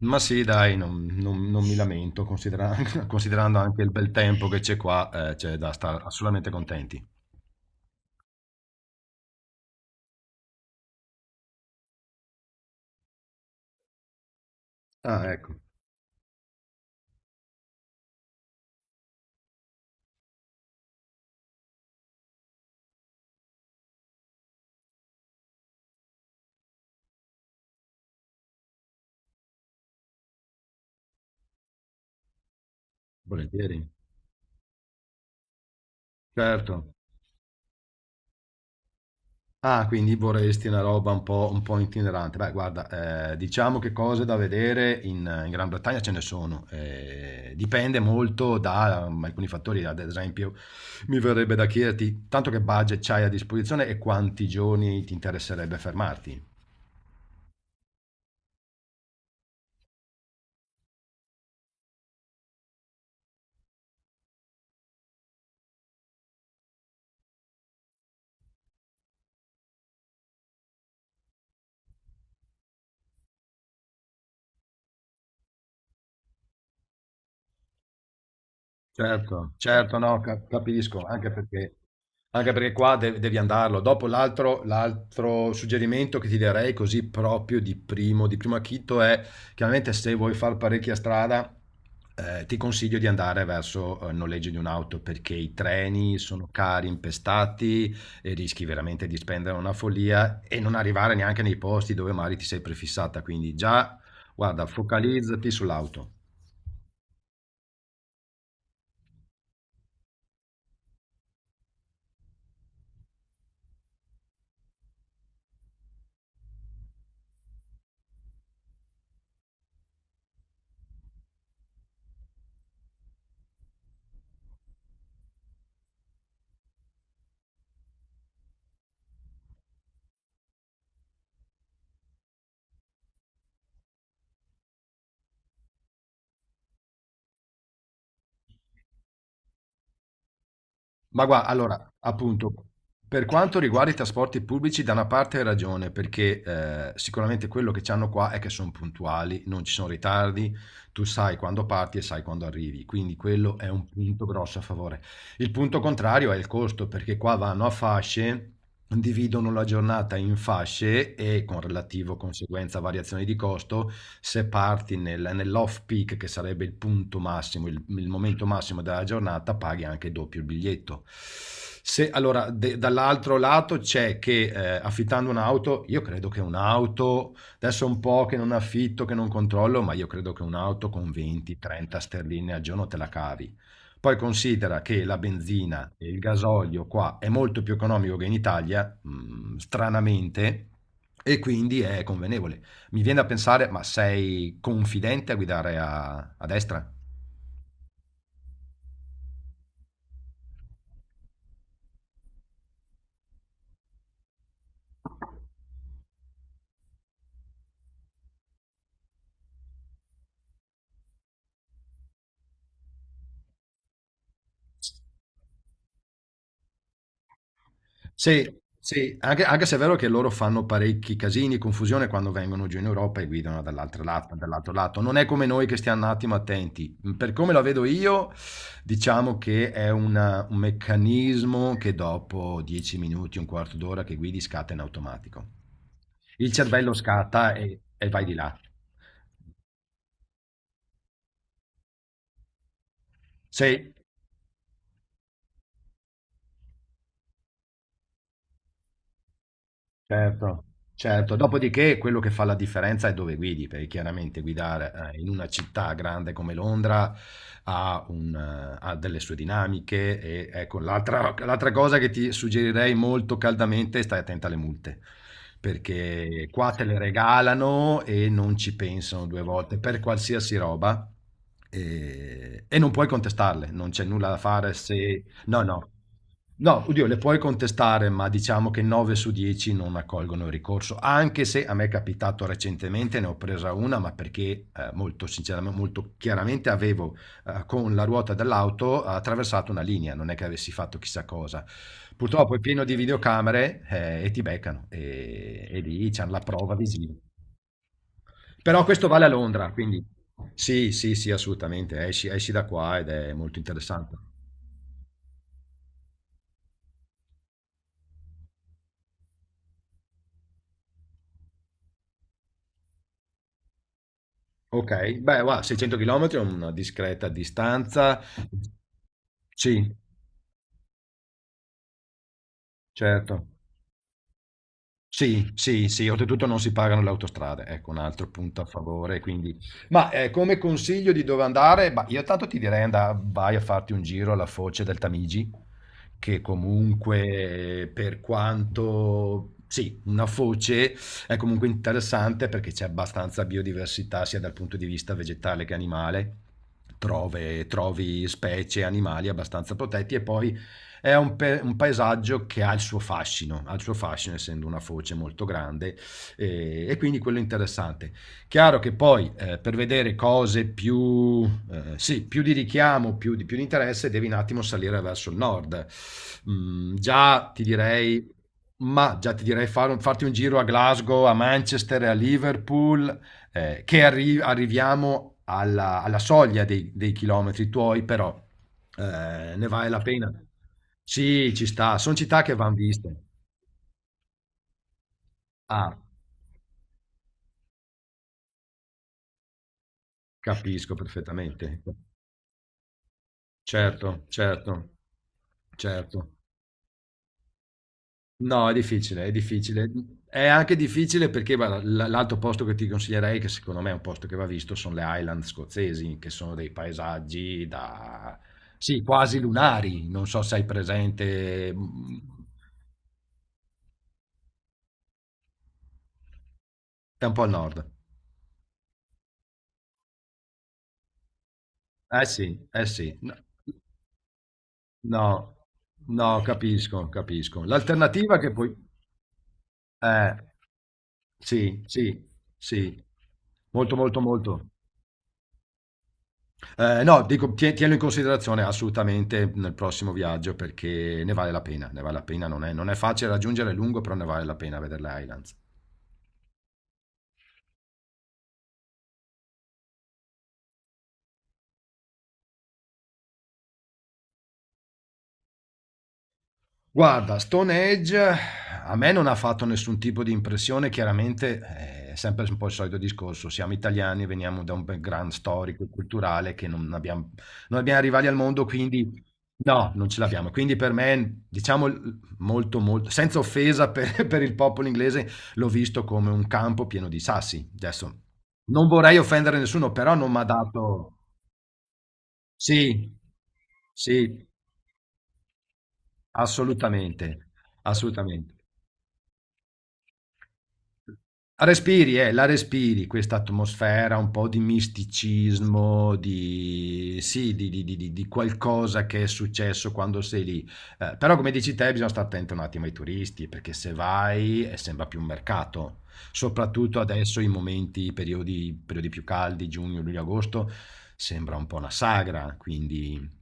Ma sì, dai, non mi lamento, considerando anche il bel tempo che c'è qua, c'è da stare assolutamente contenti. Ah, ecco, volentieri. Certo. Ah, quindi vorresti una roba un po' itinerante. Beh, guarda, diciamo che cose da vedere in Gran Bretagna ce ne sono. Dipende molto da alcuni fattori, ad esempio, mi verrebbe da chiederti tanto che budget c'hai a disposizione e quanti giorni ti interesserebbe fermarti. Certo, certo, no, capisco, anche perché qua devi andarlo. Dopo l'altro suggerimento che ti darei, così proprio di primo acchito è, chiaramente se vuoi fare parecchia strada, ti consiglio di andare verso il noleggio di un'auto, perché i treni sono cari, impestati e rischi veramente di spendere una follia e non arrivare neanche nei posti dove magari ti sei prefissata. Quindi già, guarda, focalizzati sull'auto. Ma guarda, allora, appunto, per quanto riguarda i trasporti pubblici, da una parte hai ragione, perché sicuramente quello che hanno qua è che sono puntuali, non ci sono ritardi, tu sai quando parti e sai quando arrivi, quindi quello è un punto grosso a favore. Il punto contrario è il costo, perché qua vanno a fasce, dividono la giornata in fasce e con relativo conseguenza variazioni di costo, se parti nell'off peak, che sarebbe il punto massimo, il momento massimo della giornata, paghi anche doppio il biglietto. Se, allora, dall'altro lato c'è che affittando un'auto, io credo che un'auto, adesso è un po' che non affitto, che non controllo, ma io credo che un'auto con 20-30 sterline al giorno te la cavi. Poi considera che la benzina e il gasolio qua è molto più economico che in Italia, stranamente, e quindi è convenevole. Mi viene da pensare, ma sei confidente a guidare a destra? Sì, sì, anche se è vero che loro fanno parecchi casini, confusione quando vengono giù in Europa e guidano dall'altro lato. Non è come noi che stiamo un attimo attenti. Per come la vedo io, diciamo che è un meccanismo che dopo 10 minuti, un quarto d'ora che guidi, scatta in automatico. Il cervello scatta e vai di là. Sì, certo, certo. Dopodiché quello che fa la differenza è dove guidi, perché chiaramente guidare in una città grande come Londra ha delle sue dinamiche, e ecco, l'altra cosa che ti suggerirei molto caldamente è stai attenta alle multe, perché qua te le regalano e non ci pensano due volte per qualsiasi roba e non puoi contestarle, non c'è nulla da fare se. No, no. No, oddio, le puoi contestare, ma diciamo che 9 su 10 non accolgono il ricorso, anche se a me è capitato recentemente, ne ho presa una, ma perché molto sinceramente, molto chiaramente avevo con la ruota dell'auto attraversato una linea, non è che avessi fatto chissà cosa. Purtroppo è pieno di videocamere e ti beccano e lì c'è la prova visiva. Però questo vale a Londra, quindi sì, sì, sì, assolutamente, esci, esci da qua ed è molto interessante. Ok, beh, guarda, 600 km è una discreta distanza. Sì, certo. Sì, sì, sì, oltretutto non si pagano le autostrade, ecco un altro punto a favore. Quindi... Ma come consiglio di dove andare? Bah, io tanto ti direi vai a farti un giro alla foce del Tamigi, che comunque per quanto... Sì, una foce è comunque interessante perché c'è abbastanza biodiversità sia dal punto di vista vegetale che animale. Trovi specie, animali abbastanza protetti, e poi è un paesaggio che ha il suo fascino, ha il suo fascino, essendo una foce molto grande e quindi quello è interessante. Chiaro che poi per vedere cose più, sì, più di richiamo, più di interesse, devi un attimo salire verso il nord. Mm, già ti direi, ma già ti direi farti un giro a Glasgow, a Manchester, a Liverpool, che arriviamo alla soglia dei chilometri tuoi, però ne vale la pena. Sì, ci sta, sono città che vanno viste. Ah, capisco perfettamente. Certo, certo, certo. No, è difficile, è difficile. È anche difficile perché guarda, l'altro posto che ti consiglierei, che secondo me è un posto che va visto, sono le Highland scozzesi, che sono dei paesaggi da... Sì, quasi lunari, non so se hai presente. È un po' al nord. Eh sì, eh sì. No, no, no, capisco, capisco. L'alternativa che poi... Eh, sì, sì, sì. Molto, molto, molto. No, dico, tienilo in considerazione assolutamente nel prossimo viaggio, perché ne vale la pena, ne vale la pena. Non è facile raggiungere, è lungo, però ne vale la pena vedere le Highlands. Guarda, Stone Age a me non ha fatto nessun tipo di impressione, chiaramente è sempre un po' il solito discorso, siamo italiani, veniamo da un background storico e culturale che non abbiamo rivali al mondo, quindi no, non ce l'abbiamo. Quindi per me, diciamo molto, molto, senza offesa per, per il popolo inglese, l'ho visto come un campo pieno di sassi. Adesso non vorrei offendere nessuno, però non mi ha dato... Sì, sì, assolutamente, assolutamente. La respiri questa atmosfera un po' di misticismo, sì, di qualcosa che è successo quando sei lì. Però, come dici te, bisogna stare attento un attimo ai turisti, perché se vai sembra più un mercato, soprattutto adesso in momenti, i periodi più caldi, giugno, luglio, agosto, sembra un po' una sagra, quindi...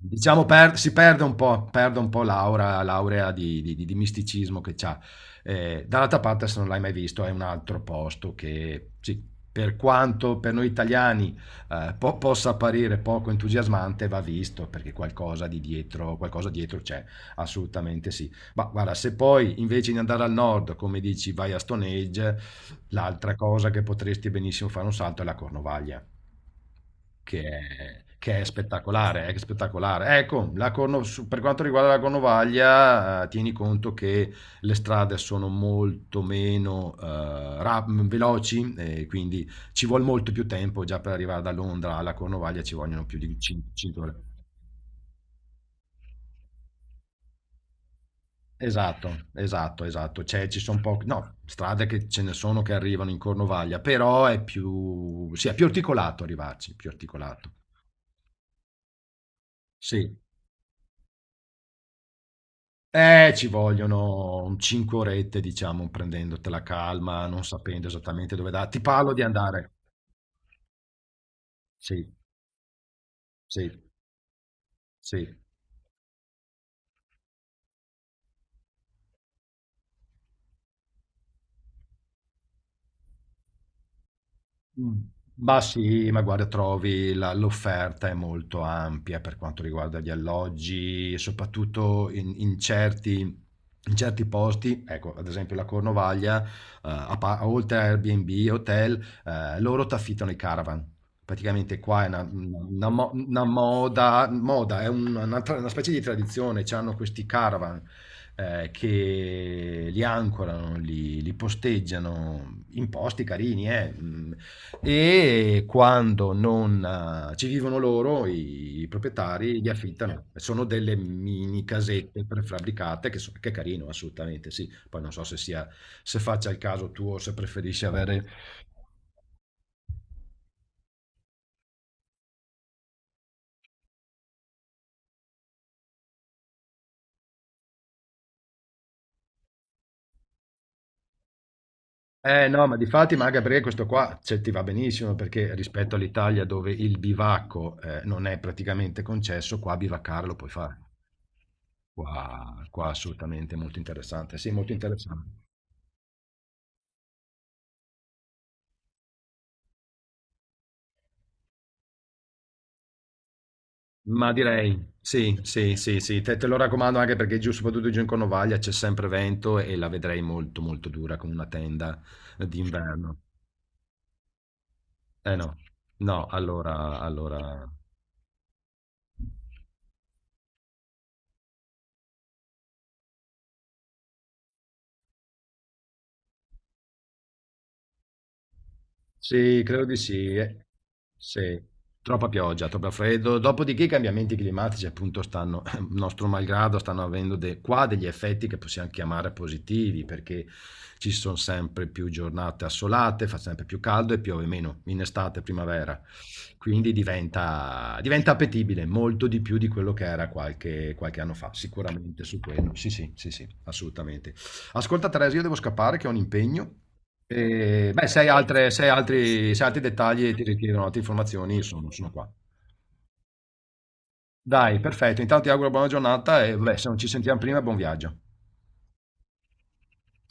Diciamo, perde un po' l'aurea di misticismo che c'ha. Dall'altra parte, se non l'hai mai visto, è un altro posto che sì, per quanto per noi italiani possa apparire poco entusiasmante, va visto perché qualcosa dietro c'è, assolutamente sì. Ma guarda, se poi invece di andare al nord, come dici, vai a Stone Age, l'altra cosa che potresti benissimo fare un salto è la Cornovaglia. Che è spettacolare, è spettacolare. Ecco, per quanto riguarda la Cornovaglia, tieni conto che le strade sono molto meno veloci, e quindi ci vuole molto più tempo. Già per arrivare da Londra alla Cornovaglia ci vogliono più di 5 ore. Esatto, esatto, esatto. Ci sono poche, no, strade che ce ne sono che arrivano in Cornovaglia, però sì, è più articolato arrivarci, più articolato. Sì. Ci vogliono un 5 orette, diciamo, prendendotela calma, non sapendo esattamente dove da ti parlo di andare. Sì, sì, sì. Mh. Ma sì, ma guarda, trovi la l'offerta è molto ampia per quanto riguarda gli alloggi, soprattutto in certi posti, ecco, ad esempio la Cornovaglia, a pa oltre a Airbnb e hotel, loro t'affittano i caravan. Praticamente qua è una moda, è un una tra una specie di tradizione, c'hanno questi caravan, che li ancorano, li posteggiano, imposti carini, eh. Mm. E quando non ci vivono loro, i proprietari li affittano. Sono delle mini casette prefabbricate che è carino, assolutamente sì. Poi non so se sia, se faccia il caso tuo, o se preferisci avere. Eh no, ma difatti, ma anche perché questo qua, cioè, ti va benissimo, perché rispetto all'Italia dove il bivacco non è praticamente concesso, qua bivaccare lo puoi fare. Qua, qua assolutamente molto interessante. Sì, molto interessante. Ma direi, sì, sì, sì, sì, te lo raccomando, anche perché giù, soprattutto giù in Cornovaglia c'è sempre vento e la vedrei molto molto dura con una tenda d'inverno. Eh no, no, allora... Sì, credo di sì. Sì, troppa pioggia, troppo freddo. Dopodiché i cambiamenti climatici, appunto, stanno, nostro malgrado, stanno avendo qua degli effetti che possiamo chiamare positivi, perché ci sono sempre più giornate assolate, fa sempre più caldo e piove meno in estate, primavera. Quindi diventa appetibile molto di più di quello che era qualche anno fa, sicuramente su quello. Sì, sì, sì, sì, assolutamente. Ascolta Teresa, io devo scappare che ho un impegno. E, beh, se hai altri dettagli e ti richiedono altre informazioni, io sono qua. Dai, perfetto. Intanto ti auguro buona giornata e vabbè, se non ci sentiamo prima, buon viaggio.